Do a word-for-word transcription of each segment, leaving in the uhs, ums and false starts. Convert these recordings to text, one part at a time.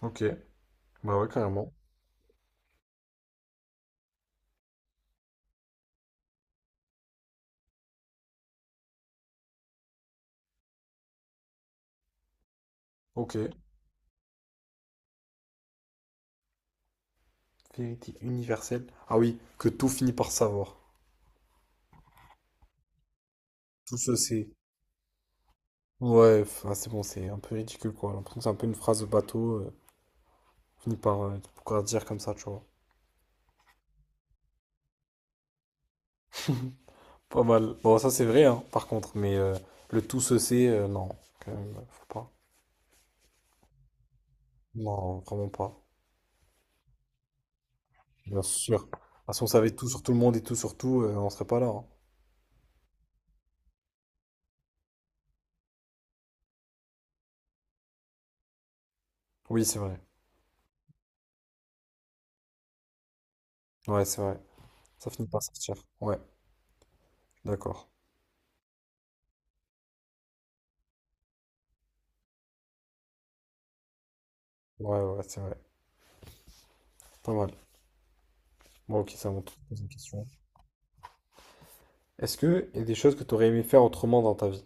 Ok, bah ouais, carrément. Ok, vérité universelle. Ah oui, que tout finit par savoir. Tout se sait. Ouais, enfin, c'est bon, c'est un peu ridicule quoi. J'ai l'impression que c'est un peu une phrase de bateau. Euh, finit par euh, pourquoi dire comme ça, tu vois. Pas mal. Bon, ça c'est vrai, hein, par contre, mais euh, le tout se sait, euh, non, quand même, euh, faut pas. Non, vraiment pas. Bien sûr. Ah, si on savait tout sur tout le monde et tout sur tout, euh, on serait pas là, hein. Oui, c'est vrai. Ouais, c'est vrai. Ça finit par sortir. Ouais, d'accord. Ouais, ouais, c'est vrai. Pas mal. Bon, ok, ça monte. Pose une question. Est-ce que il y a des choses que tu aurais aimé faire autrement dans ta vie?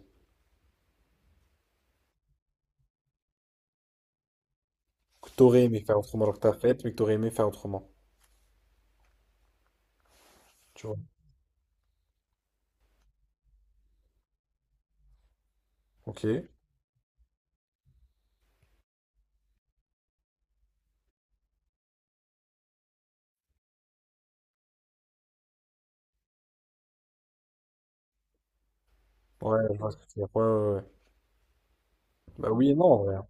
Que tu aurais aimé faire autrement, alors que tu as fait, mais que tu aurais aimé faire autrement. Tu vois? Ok, ouais, je vois ce que tu veux dire. Ouais, ouais, ouais. Bah oui et non, en vrai, hein.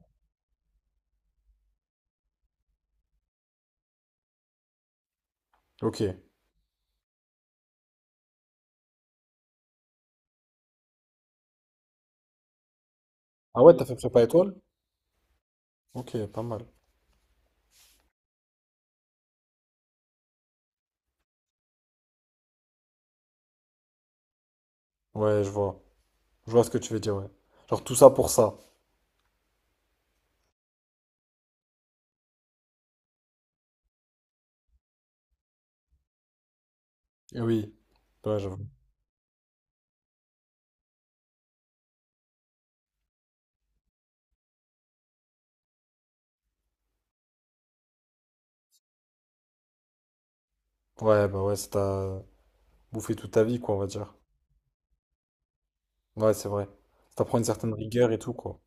Ok. Ah ouais, t'as fait prépa étoile? Ok, pas mal. Ouais, je vois. Je vois ce que tu veux dire, ouais. Genre tout ça pour ça. Eh oui. Ouais, j'avoue. Ouais, bah ouais, ça t'a bouffé toute ta vie, quoi, on va dire. Ouais, c'est vrai. Ça t'apprend une certaine rigueur et tout, quoi.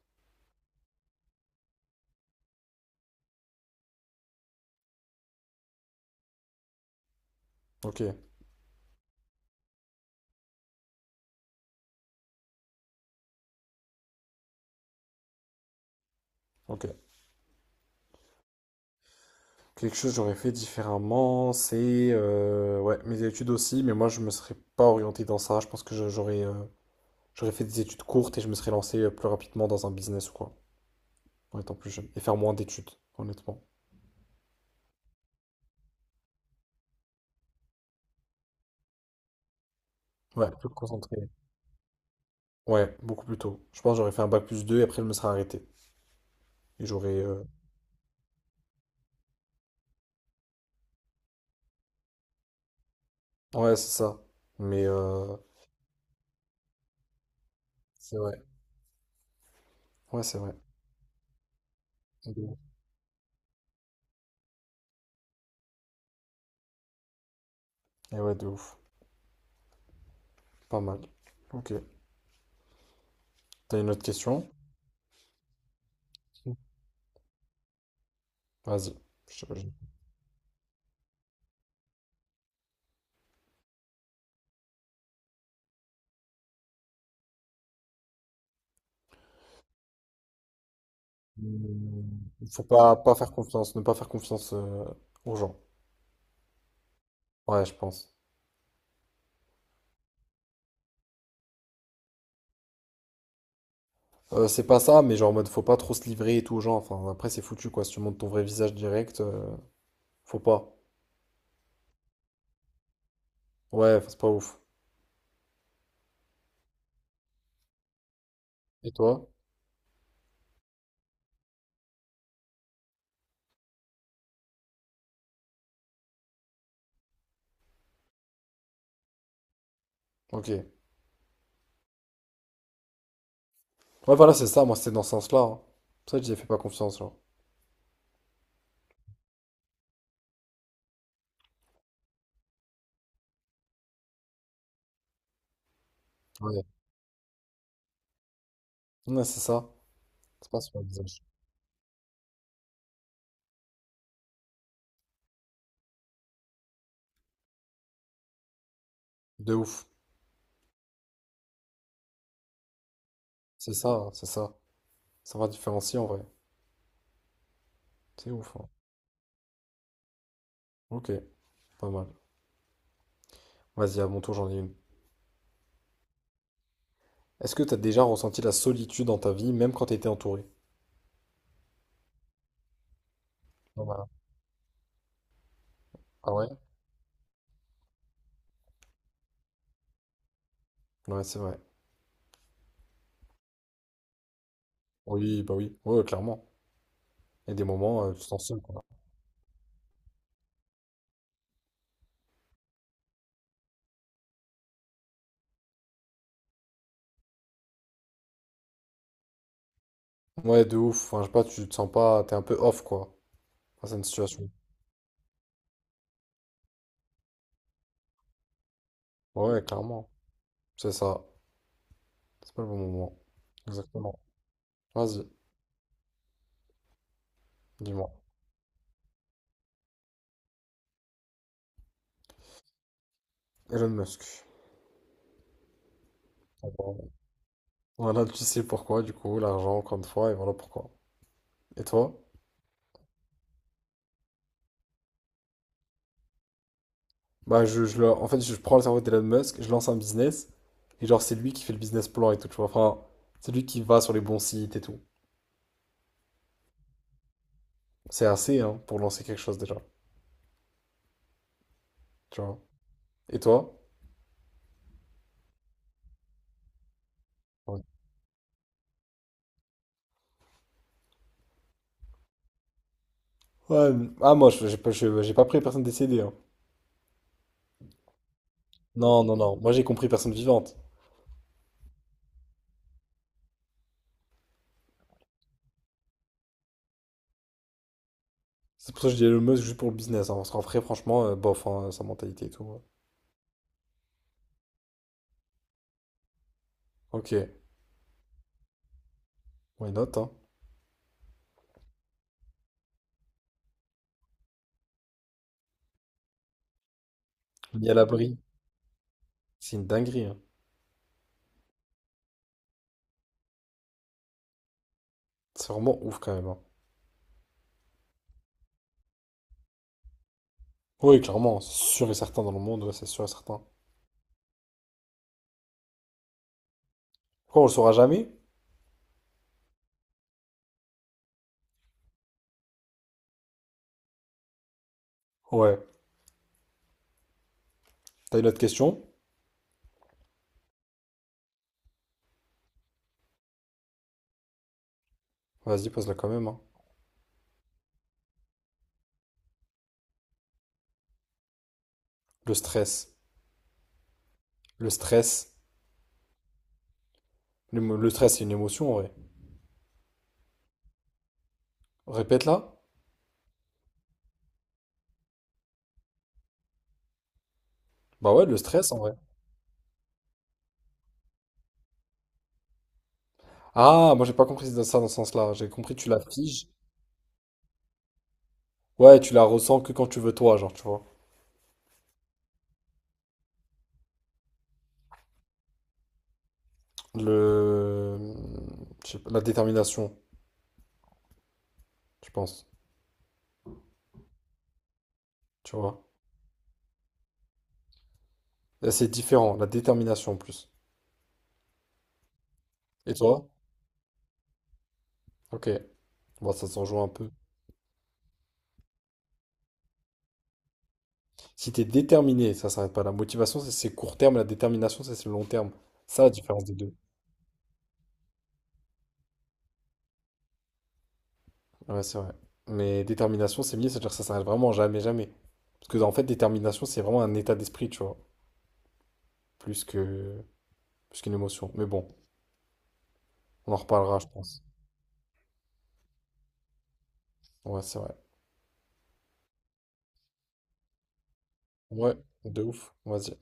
Ok, ok. Quelque chose que j'aurais fait différemment, c'est euh, ouais, mes études aussi, mais moi je me serais pas orienté dans ça. Je pense que je- j'aurais euh, j'aurais fait des études courtes et je me serais lancé euh, plus rapidement dans un business ou quoi, en étant plus jeune. Et faire moins d'études, honnêtement. Ouais, plus concentré. Ouais, beaucoup plus tôt. Je pense que j'aurais fait un bac plus deux et après je me serais arrêté. Et j'aurais. Euh, Ouais, c'est ça. Mais euh, c'est vrai. Ouais, c'est vrai. De ouf. Et ouais, de ouf. Pas mal. Ok. T'as une autre question? Vas-y. Je- je- Mmh, Faut pas, pas faire confiance, ne pas faire confiance euh, aux gens. Ouais, je pense. Euh, c'est pas ça, mais genre en mode faut pas trop se livrer et tout aux gens. Enfin, après, c'est foutu quoi. Si tu montres ton vrai visage direct, euh, faut pas. Ouais, enfin, c'est pas ouf. Et toi? Ok, ouais, voilà, c'est ça. Moi, c'était dans ce sens-là, hein. C'est pour ça que j'y ai fait pas confiance, genre. Ouais. Ouais, c'est ça. C'est pas sur le visage. De ouf. C'est ça, hein, c'est ça. Ça va différencier en vrai. C'est ouf, hein. Ok, pas mal. Vas-y, à mon tour, j'en ai une. Est-ce que t'as déjà ressenti la solitude dans ta vie, même quand t'étais entouré? Pas mal, hein. Ah ouais? Ouais, c'est vrai. Oui, bah oui. Ouais, ouais, clairement. Il y a des moments, euh, tu te sens seul, quoi. Ouais, de ouf. Enfin, je sais pas, tu te sens pas, t'es un peu off, quoi, face à une situation. Ouais, clairement. C'est ça. C'est pas le bon moment. Exactement. Vas-y, dis-moi. Elon Musk. Voilà. Voilà, tu sais pourquoi, du coup, l'argent, encore une fois, et voilà pourquoi. Et toi? Bah, je, je le- en fait, je prends le cerveau d'Elon Musk, je lance un business, et genre, c'est lui qui fait le business plan et tout, tu vois. Enfin, c'est lui qui va sur les bons sites et tout. C'est assez, hein, pour lancer quelque chose déjà, tu vois. Et toi? Ouais, ah moi je- j'ai pas, je- j'ai pas pris personne décédée, hein. Non, non, non, moi j'ai compris personne vivante. C'est pour ça que je dis Elon Musk juste pour le business, hein, parce qu'en vrai franchement, euh, bof, hein, sa mentalité et tout, ouais. Ok, why not, hein. Mis à l'abri, c'est une dinguerie, hein. C'est vraiment ouf quand même, hein. Oui, clairement, c'est sûr et certain dans le monde, ouais, c'est sûr et certain. Pourquoi on le saura jamais? Ouais. T'as une autre question? Vas-y, pose-la quand même, hein. Le stress. Le stress. Le, mo- le stress, c'est une émotion en vrai. Répète-la. Bah ouais, le stress en vrai. Ah, moi j'ai pas compris ça dans ce sens-là. J'ai compris, tu l'affiches. Ouais, tu la ressens que quand tu veux toi, genre, tu vois. Le... je sais pas, la détermination, je pense, tu vois. Là, c'est différent, la détermination en plus. Et toi? Ok, bon, ça s'en joue un peu. Si t'es déterminé, ça s'arrête pas. La motivation, c'est c'est court terme, la détermination, ça c'est le long terme. Ça, la différence des deux. Ouais, c'est vrai. Mais détermination, c'est mieux, c'est-à-dire que ça s'arrête vraiment jamais, jamais. Parce que, en fait, détermination, c'est vraiment un état d'esprit, tu vois, plus que... plus qu'une émotion. Mais bon, on en reparlera, je pense. Ouais, c'est vrai. Ouais, de ouf, vas-y.